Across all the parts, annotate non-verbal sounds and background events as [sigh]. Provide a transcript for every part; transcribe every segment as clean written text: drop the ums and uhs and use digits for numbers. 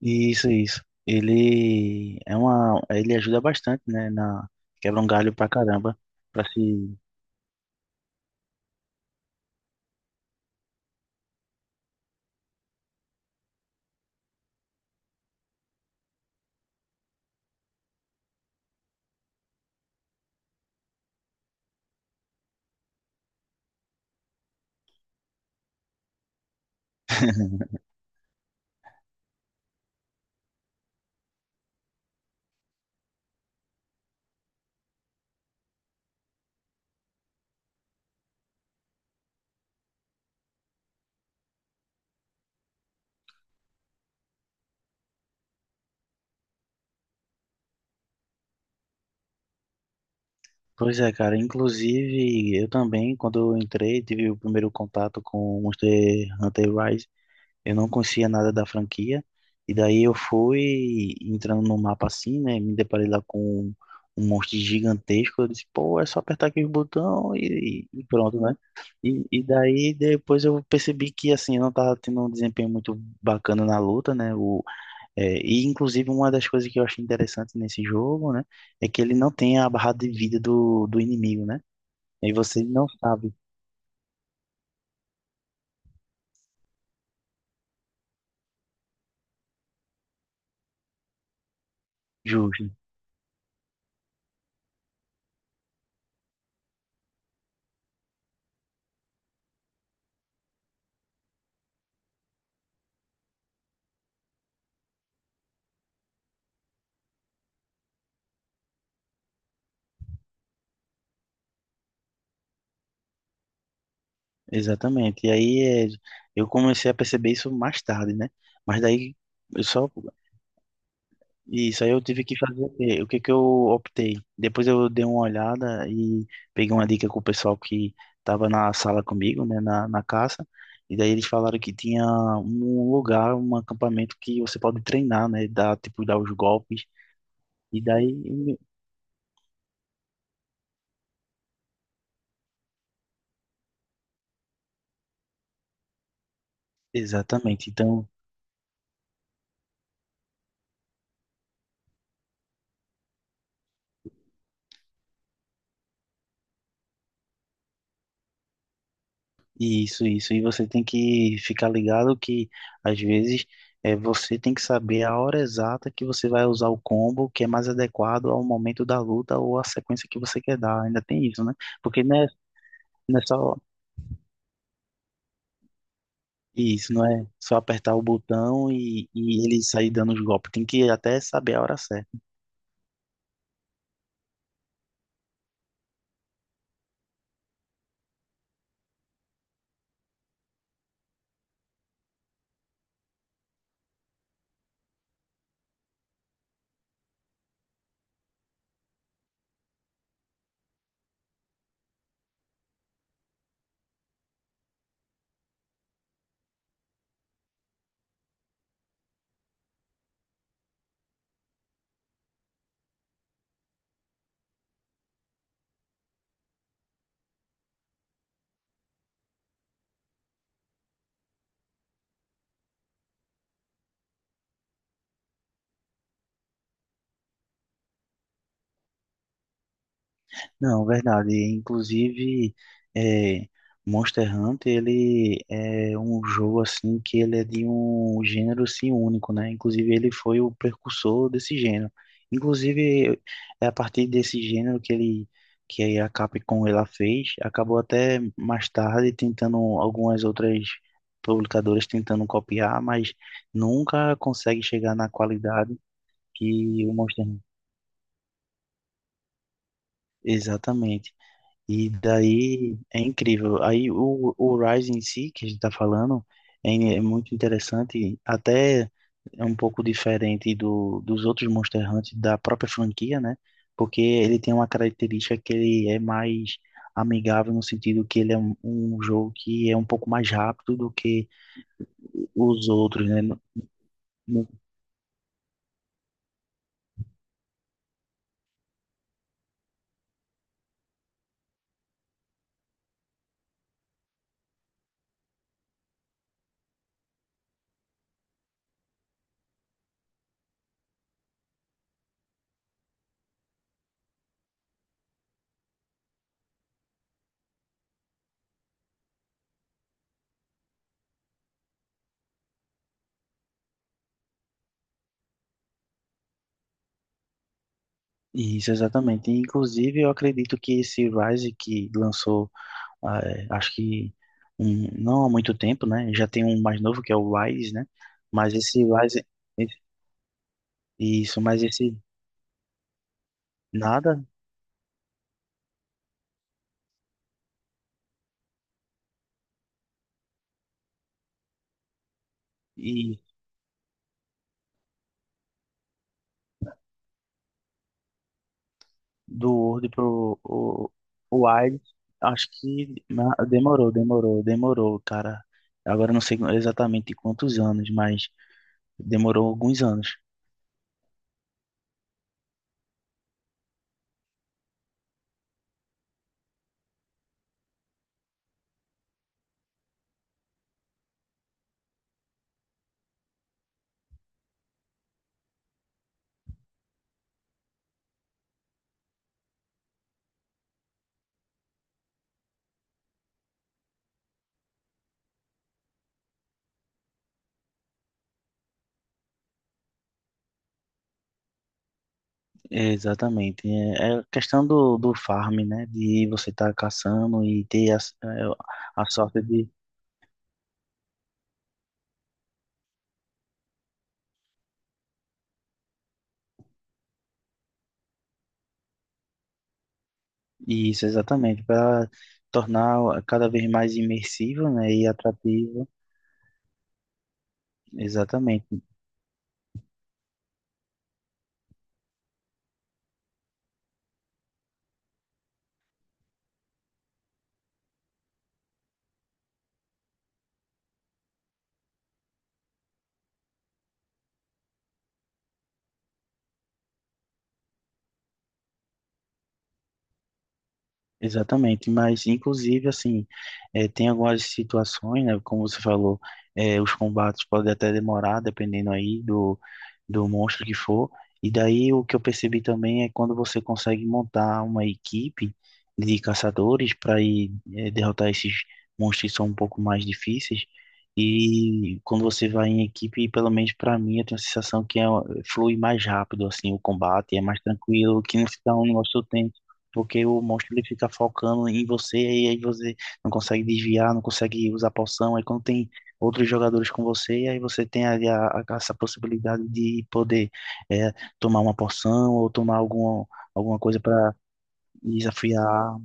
Isso, isso. Ele ajuda bastante, né, na quebra um galho pra caramba, pra se. [laughs] Pois é, cara. Inclusive, eu também, quando eu entrei, tive o primeiro contato com o Monster Hunter Rise. Eu não conhecia nada da franquia. E daí eu fui entrando no mapa assim, né? Me deparei lá com um monstro gigantesco. Eu disse, pô, é só apertar aqui o botão e pronto, né? E daí depois eu percebi que assim, eu não tava tendo um desempenho muito bacana na luta, né? E inclusive uma das coisas que eu achei interessante nesse jogo, né? É que ele não tem a barra de vida do inimigo, né? E você não sabe. Justo. Exatamente. Eu comecei a perceber isso mais tarde, né? Mas daí eu só isso aí eu tive que fazer o quê? O que que eu optei? Depois eu dei uma olhada e peguei uma dica com o pessoal que estava na sala comigo, né, na caça. E daí eles falaram que tinha um lugar, um acampamento que você pode treinar, né, dar os golpes. E daí exatamente. Então isso, isso. E você tem que ficar ligado que às vezes você tem que saber a hora exata que você vai usar o combo que é mais adequado ao momento da luta ou à sequência que você quer dar. Ainda tem isso, né? Porque não é, não é só isso, não é só apertar o botão e ele sair dando os golpes. Tem que até saber a hora certa. Não, verdade. Inclusive, é, Monster Hunter, ele é um jogo assim que ele é de um gênero assim único, né? Inclusive, ele foi o precursor desse gênero. Inclusive, é a partir desse gênero que ele que a Capcom ela fez, acabou até mais tarde tentando algumas outras publicadoras tentando copiar, mas nunca consegue chegar na qualidade que o Monster Hunter. Exatamente. E daí é incrível. Aí o Rise em si, que a gente tá falando, é muito interessante, até é um pouco diferente dos outros Monster Hunter da própria franquia, né? Porque ele tem uma característica que ele é mais amigável no sentido que ele é um jogo que é um pouco mais rápido do que os outros, né? No- Isso, exatamente. Inclusive, eu acredito que esse Rise que lançou. Ah, é, acho que não há muito tempo, né? Já tem um mais novo que é o Rise, né? Mas esse Rise, esse- isso, mas esse nada e do Word pro o Wise, acho que demorou, demorou, demorou, cara. Agora eu não sei exatamente quantos anos, mas demorou alguns anos. É, exatamente. É questão do farm, né? De você estar caçando e ter a sorte. Isso, exatamente, para tornar cada vez mais imersivo, né, e atrativo, exatamente. Exatamente, mas inclusive assim, tem algumas situações, né, como você falou, os combates podem até demorar, dependendo aí do monstro que for, e daí o que eu percebi também é quando você consegue montar uma equipe de caçadores para ir derrotar esses monstros que são um pouco mais difíceis, e quando você vai em equipe, pelo menos para mim, eu tenho a sensação que flui mais rápido assim o combate, é mais tranquilo, que não fica um negócio porque o monstro ele fica focando em você e aí você não consegue desviar, não consegue usar poção. Aí quando tem outros jogadores com você, aí você tem ali essa possibilidade de poder é, tomar uma poção ou tomar alguma coisa para desafiar.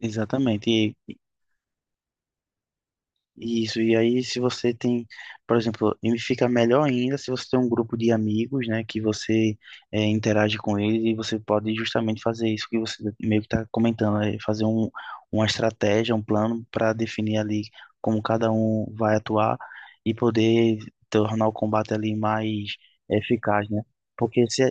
Exatamente. Isso, e aí se você tem, por exemplo, e fica melhor ainda se você tem um grupo de amigos, né, que você interage com eles e você pode justamente fazer isso que você meio que está comentando, é fazer uma estratégia, um plano para definir ali como cada um vai atuar e poder tornar o combate ali mais eficaz, né? Porque se é,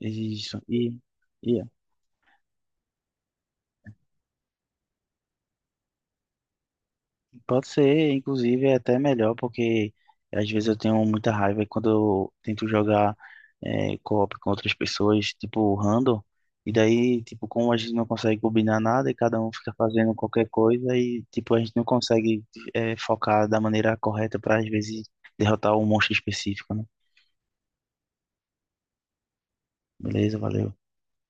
isso, e é. Pode ser, inclusive, é até melhor, porque às vezes eu tenho muita raiva quando eu tento jogar co-op com outras pessoas, tipo random, e daí, tipo, como a gente não consegue combinar nada e cada um fica fazendo qualquer coisa e, tipo, a gente não consegue focar da maneira correta para, às vezes, derrotar um monstro específico, né? Beleza, valeu.